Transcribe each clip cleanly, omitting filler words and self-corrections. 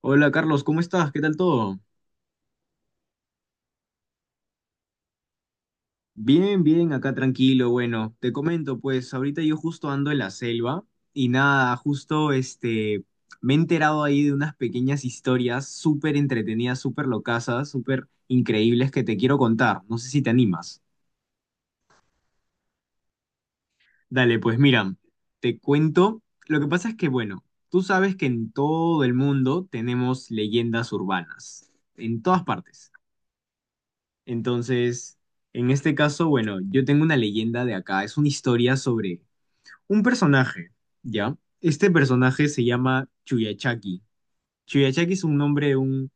Hola Carlos, ¿cómo estás? ¿Qué tal todo? Bien, bien, acá tranquilo. Bueno, te comento, pues ahorita yo justo ando en la selva y nada, justo me he enterado ahí de unas pequeñas historias súper entretenidas, súper locasas, súper increíbles que te quiero contar. No sé si te animas. Dale, pues mira, te cuento. Lo que pasa es que, bueno, tú sabes que en todo el mundo tenemos leyendas urbanas, en todas partes. Entonces, en este caso, bueno, yo tengo una leyenda de acá. Es una historia sobre un personaje, ¿ya? Este personaje se llama Chuyachaki. Chuyachaki es un nombre de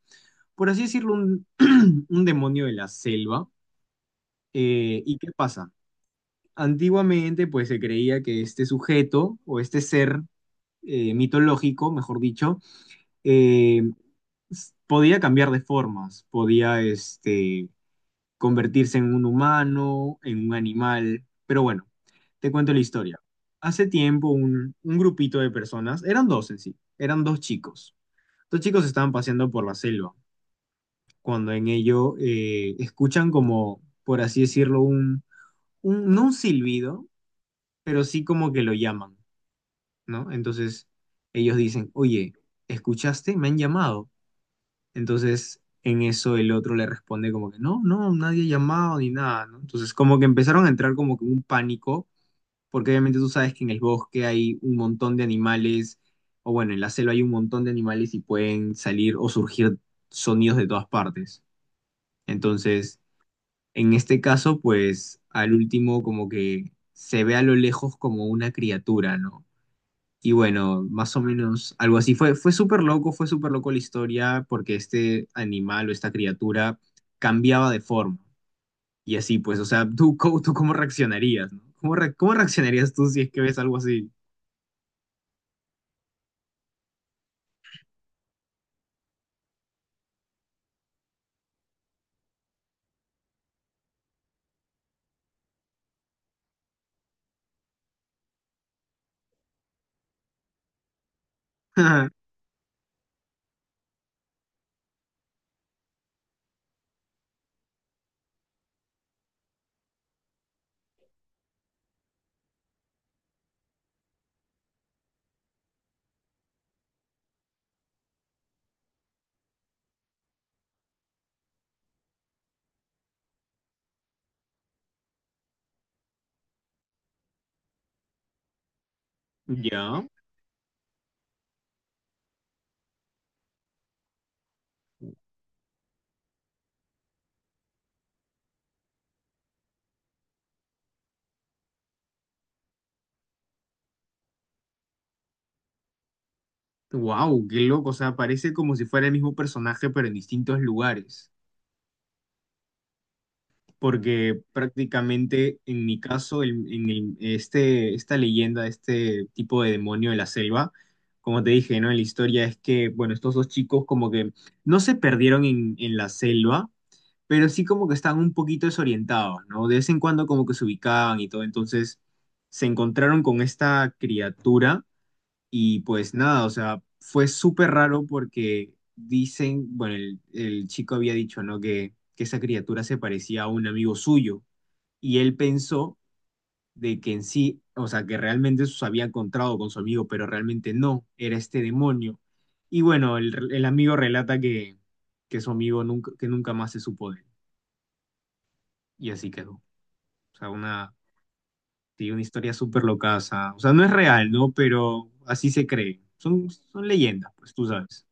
por así decirlo, un demonio de la selva. ¿Y qué pasa? Antiguamente, pues se creía que este sujeto o este ser mitológico, mejor dicho, eh, podía cambiar de formas, podía, convertirse en un humano, en un animal. Pero bueno, te cuento la historia. Hace tiempo un grupito de personas, eran dos en sí, eran dos chicos. Dos chicos estaban paseando por la selva, cuando en ello escuchan como, por así decirlo, no un silbido, pero sí como que lo llaman, ¿no? Entonces ellos dicen, oye, ¿escuchaste? Me han llamado. Entonces, en eso el otro le responde como que no, no, nadie ha llamado ni nada, ¿no? Entonces, como que empezaron a entrar como que en un pánico, porque obviamente tú sabes que en el bosque hay un montón de animales, o bueno, en la selva hay un montón de animales y pueden salir o surgir sonidos de todas partes. Entonces, en este caso, pues al último como que se ve a lo lejos como una criatura, ¿no? Y bueno, más o menos algo así. Fue, fue súper loco la historia porque este animal o esta criatura cambiaba de forma. Y así, pues, o sea, ¿tú, tú cómo reaccionarías, no? ¿Cómo, cómo reaccionarías tú si es que ves algo así? ¿Ya? Wow, qué loco. O sea, parece como si fuera el mismo personaje, pero en distintos lugares. Porque prácticamente en mi caso, esta leyenda, este tipo de demonio de la selva, como te dije, ¿no? En la historia es que, bueno, estos dos chicos como que no se perdieron en la selva, pero sí como que estaban un poquito desorientados, ¿no? De vez en cuando como que se ubicaban y todo, entonces se encontraron con esta criatura y pues nada, o sea, fue súper raro porque dicen, bueno, el chico había dicho, ¿no? Que esa criatura se parecía a un amigo suyo y él pensó de que en sí, o sea, que realmente se había encontrado con su amigo, pero realmente no, era este demonio. Y bueno, el amigo relata que su amigo nunca, que nunca más se supo de él y así quedó. O sea, una, sí, una historia súper loca, o sea, no es real, ¿no? Pero así se cree. Son, son leyendas, pues tú sabes.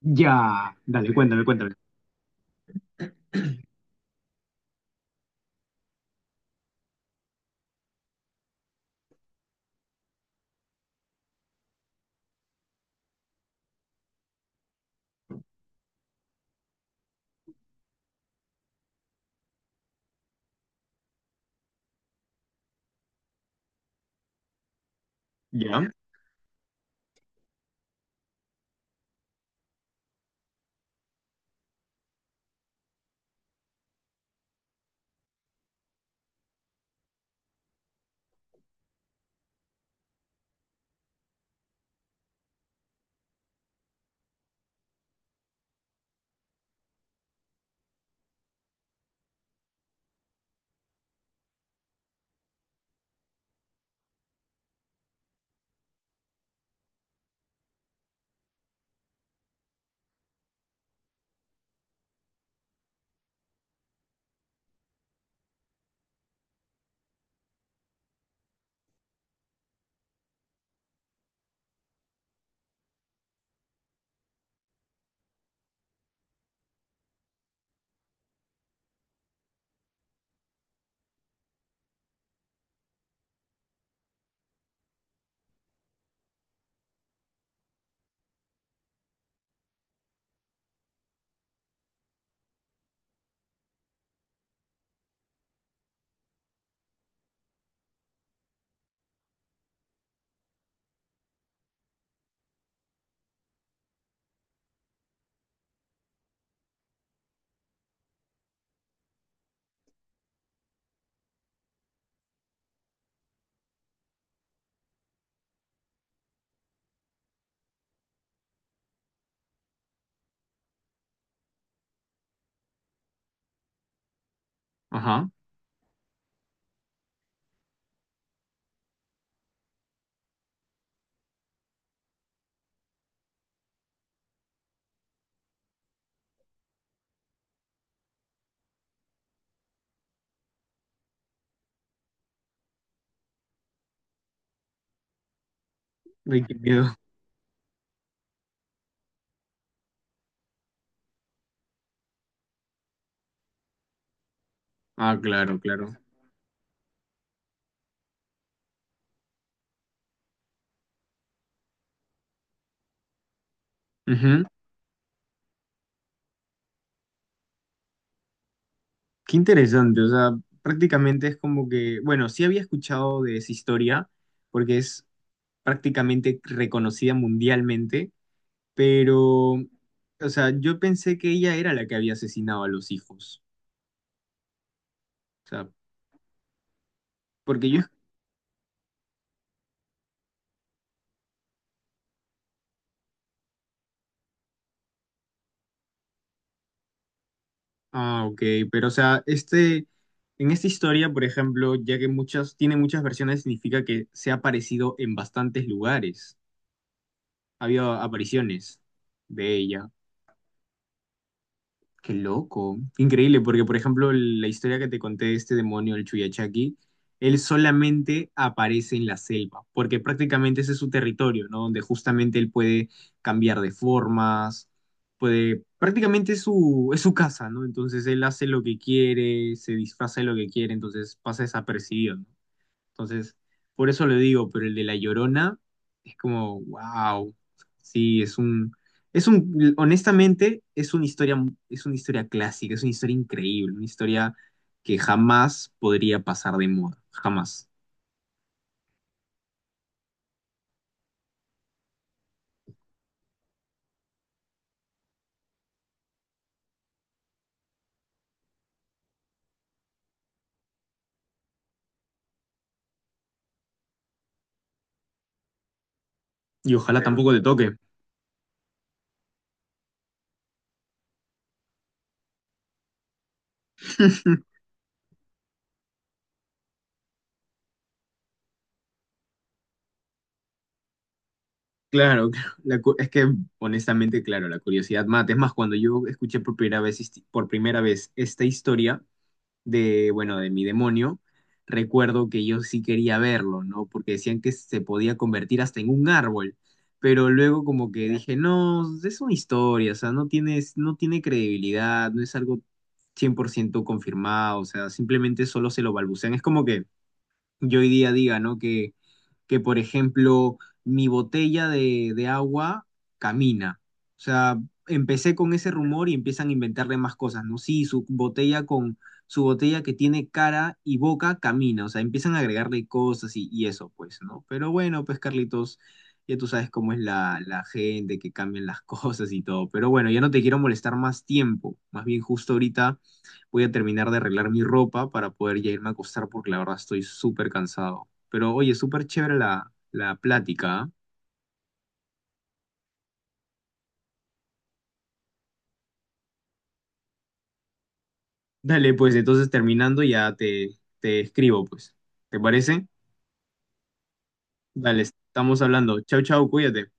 Ya, dale, cuéntame, cuéntame. Ya, ajá. Ay, qué miedo. Ah, claro, claro. Ujú. Qué interesante, o sea, prácticamente es como que, bueno, sí había escuchado de esa historia, porque es prácticamente reconocida mundialmente, pero, o sea, yo pensé que ella era la que había asesinado a los hijos. O sea, porque yo... Ah, ok, pero, o sea, en esta historia, por ejemplo, ya que muchas, tiene muchas versiones, significa que se ha aparecido en bastantes lugares. Había apariciones de ella. Qué loco. Qué increíble, porque por ejemplo, la historia que te conté de este demonio, el Chuyachaki, él solamente aparece en la selva, porque prácticamente ese es su territorio, ¿no? Donde justamente él puede cambiar de formas, puede, prácticamente es su casa, ¿no? Entonces él hace lo que quiere, se disfraza de lo que quiere, entonces pasa desapercibido, ¿no? Entonces, por eso lo digo, pero el de La Llorona es como, wow, sí, honestamente, es una historia clásica, es una historia increíble, una historia que jamás podría pasar de moda, jamás. Y ojalá Claro. tampoco te toque. Claro, claro. Es que honestamente, claro, la curiosidad mata. Es más, cuando yo escuché por primera vez, por primera vez esta historia, de, bueno, de mi demonio, recuerdo que yo sí quería verlo, ¿no? Porque decían que se podía convertir hasta en un árbol, pero luego como que dije, no, es una historia, o sea, no tienes, no tiene credibilidad, no es algo 100% confirmado, o sea, simplemente solo se lo balbucean. Es como que yo hoy día diga, ¿no? Que por ejemplo, mi botella de agua camina. O sea, empecé con ese rumor y empiezan a inventarle más cosas, ¿no? Sí, su botella que tiene cara y boca camina. O sea, empiezan a agregarle cosas y eso, pues, ¿no? Pero bueno, pues, Carlitos, ya tú sabes cómo es la gente, que cambian las cosas y todo. Pero bueno, ya no te quiero molestar más tiempo. Más bien, justo ahorita. Voy a terminar de arreglar mi ropa para poder ya irme a acostar porque la verdad estoy súper cansado. Pero oye, súper chévere la plática. ¿Ah? Dale, pues entonces terminando ya te escribo, pues. ¿Te parece? Dale, estamos hablando. Chau, chau, cuídate.